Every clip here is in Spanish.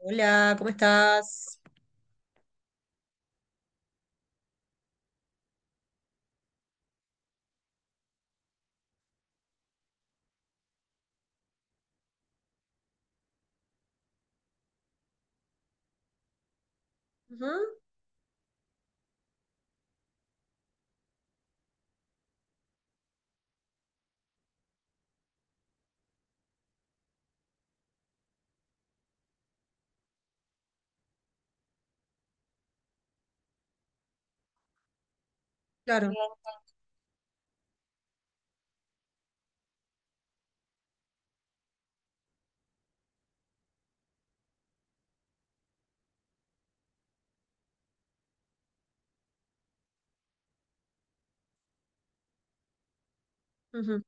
Hola, ¿cómo estás? Ujú, claro. Ujú.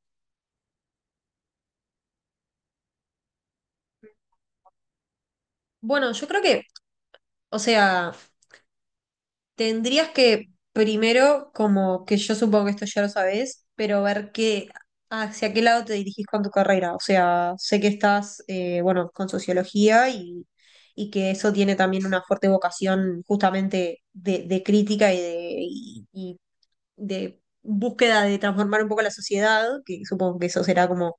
Bueno, yo creo que, o sea, tendrías que primero, como que yo supongo que esto ya lo sabes, pero hacia qué lado te dirigís con tu carrera. O sea, sé que estás, bueno, con sociología y que eso tiene también una fuerte vocación justamente de crítica y de búsqueda de transformar un poco la sociedad, que supongo que eso será como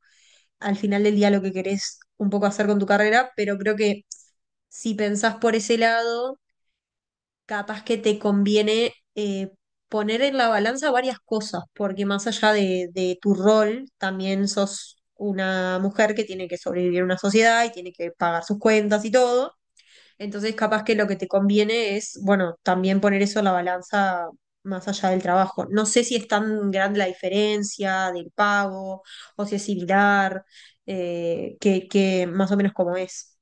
al final del día lo que querés un poco hacer con tu carrera, pero creo que si pensás por ese lado, capaz que te conviene poner en la balanza varias cosas, porque más allá de tu rol, también sos una mujer que tiene que sobrevivir en una sociedad y tiene que pagar sus cuentas y todo. Entonces, capaz que lo que te conviene es, bueno, también poner eso en la balanza más allá del trabajo. No sé si es tan grande la diferencia del pago o si es similar, que más o menos como es.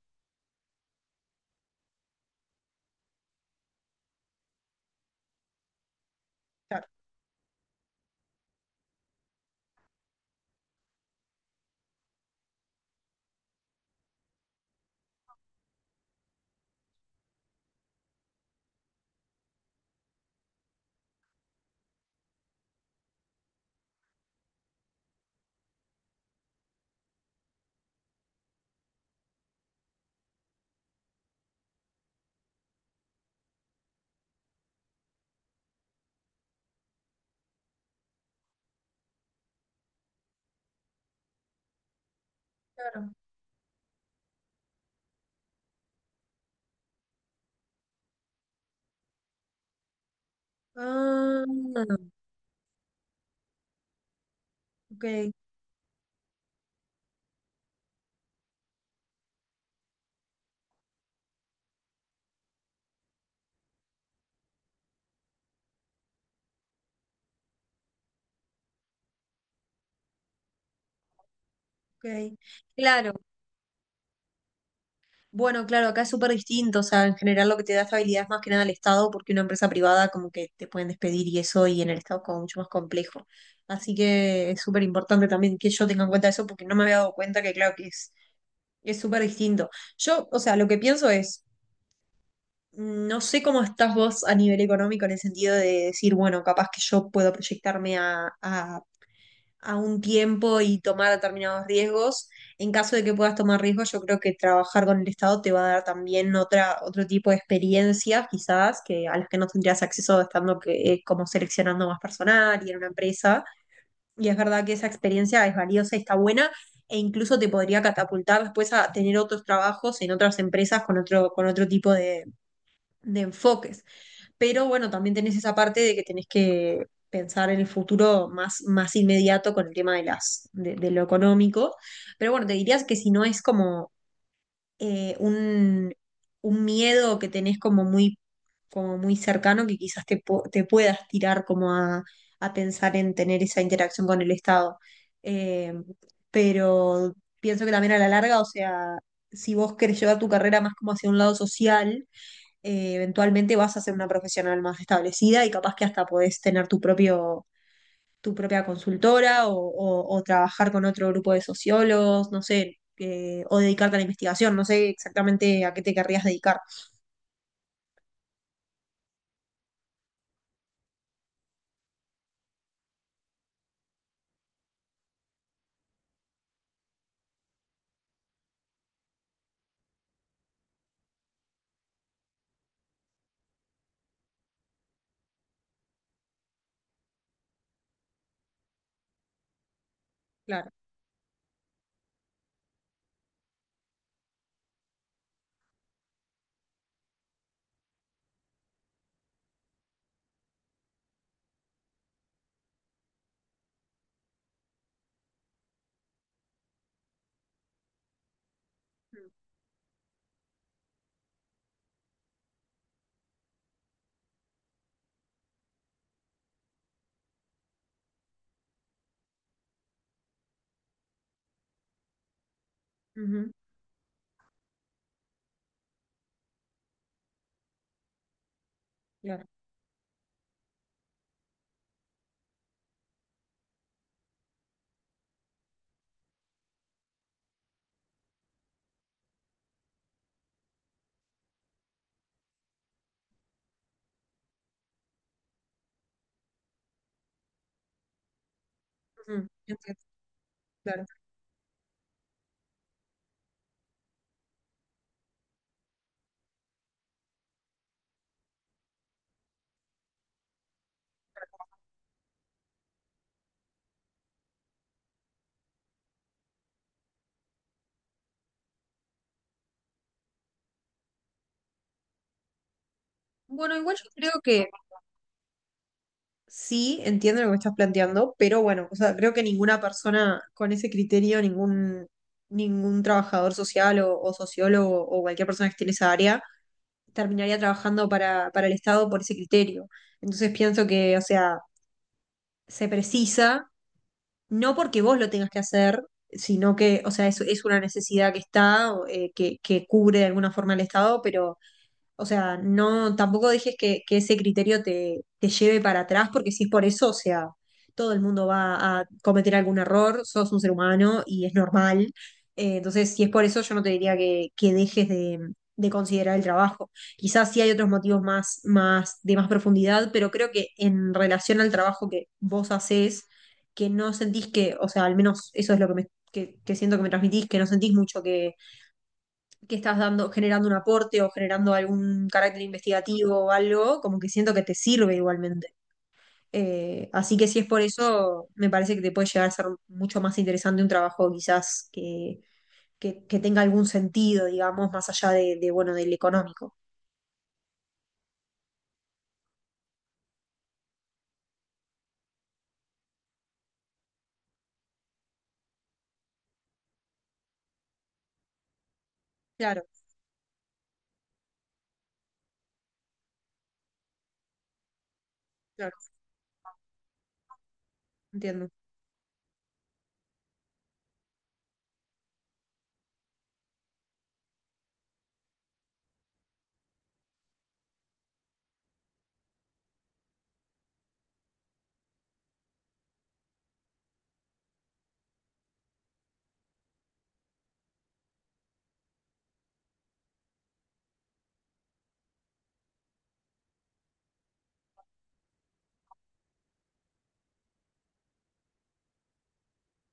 Claro. Claro. Ah, ok, ok. Claro. Bueno, claro, acá es súper distinto, o sea, en general lo que te da estabilidad es más que nada el Estado, porque una empresa privada como que te pueden despedir y eso, y en el Estado como mucho más complejo. Así que es súper importante también que yo tenga en cuenta eso, porque no me había dado cuenta que claro que es súper distinto. Yo, o sea, lo que pienso es, no sé cómo estás vos a nivel económico en el sentido de decir, bueno, capaz que yo puedo proyectarme a un tiempo y tomar determinados riesgos. En caso de que puedas tomar riesgos, yo creo que trabajar con el Estado te va a dar también otra, otro tipo de experiencias, quizás, que a las que no tendrías acceso estando que, como seleccionando más personal y en una empresa. Y es verdad que esa experiencia es valiosa y está buena, e incluso te podría catapultar después a tener otros trabajos en otras empresas con otro tipo de enfoques, pero bueno, también tenés esa parte de que tenés que pensar en el futuro más, más inmediato con el tema de de lo económico. Pero bueno, te dirías que si no es como eh, un, un miedo que tenés como muy cercano, que quizás te puedas tirar como a pensar en tener esa interacción con el Estado. Eh, pero pienso que también a la larga, o sea, si vos querés llevar tu carrera más como hacia un lado social, eventualmente vas a ser una profesional más establecida y capaz que hasta podés tener tu propio, tu propia consultora o trabajar con otro grupo de sociólogos, no sé, o dedicarte a la investigación, no sé exactamente a qué te querrías dedicar. Claro. Ujú, claro. Ujú, entiendo, claro. Bueno, igual yo creo que sí, entiendo lo que estás planteando, pero bueno, o sea, creo que ninguna persona con ese criterio, ningún, ningún trabajador social o sociólogo o cualquier persona que esté en esa área, terminaría trabajando para el Estado por ese criterio. Entonces pienso que, o sea, se precisa, no porque vos lo tengas que hacer, sino que, o sea, es una necesidad que está, que cubre de alguna forma el Estado, pero o sea, no, tampoco dejes que ese criterio te lleve para atrás, porque si es por eso, o sea, todo el mundo va a cometer algún error, sos un ser humano y es normal. Entonces, si es por eso, yo no te diría que dejes de considerar el trabajo. Quizás sí hay otros motivos más, más, de más profundidad, pero creo que en relación al trabajo que vos hacés, que no sentís que, o sea, al menos eso es lo que que siento que me transmitís, que no sentís mucho que estás dando, generando un aporte o generando algún carácter investigativo o algo, como que siento que te sirve igualmente. Así que si es por eso, me parece que te puede llegar a ser mucho más interesante un trabajo quizás que tenga algún sentido, digamos, más allá de, bueno, del económico. Claro, claro, entiendo,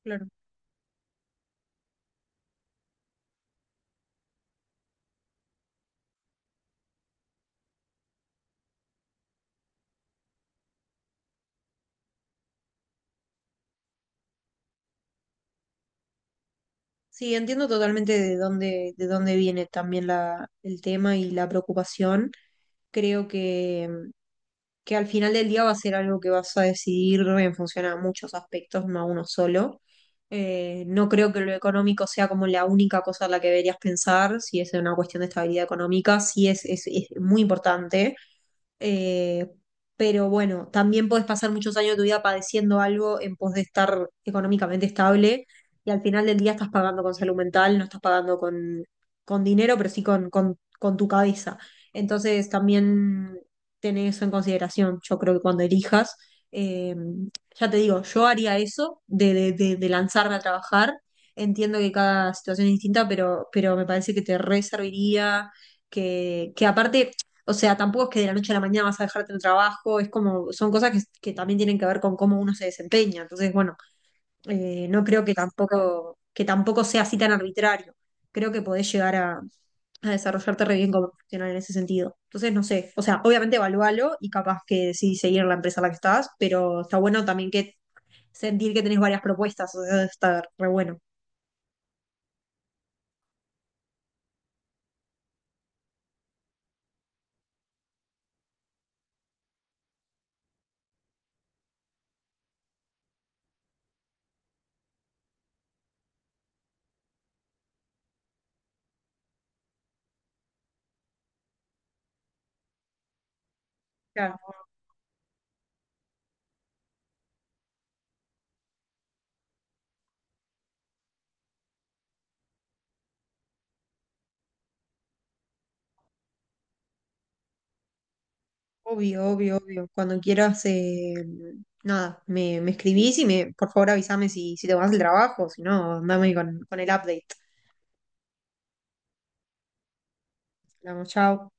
claro. Sí, entiendo totalmente de dónde viene también la, el tema y la preocupación. Creo que al final del día va a ser algo que vas a decidir en función a muchos aspectos, no a uno solo. No creo que lo económico sea como la única cosa en la que deberías pensar, si es una cuestión de estabilidad económica, sí es muy importante, eh, pero bueno, también podés pasar muchos años de tu vida padeciendo algo en pos de estar económicamente estable y al final del día estás pagando con salud mental, no estás pagando con dinero, pero sí con tu cabeza. Entonces también tenés eso en consideración, yo creo que cuando elijas, eh, ya te digo, yo haría eso de lanzarme a trabajar. Entiendo que cada situación es distinta, pero me parece que te re serviría que aparte o sea, tampoco es que de la noche a la mañana vas a dejarte el trabajo, es como, son cosas que también tienen que ver con cómo uno se desempeña. Entonces, bueno, no creo que tampoco sea así tan arbitrario. Creo que podés llegar a desarrollarte re bien como profesional en ese sentido. Entonces, no sé, o sea, obviamente evalúalo y capaz que sí seguir en la empresa en la que estás, pero está bueno también que sentir que tenés varias propuestas, o sea, está re bueno. Claro. Obvio, obvio, obvio. Cuando quieras, nada, me escribís y me, por favor avísame si, si te vas del trabajo, si no, andame con el update. Hablamos, chao.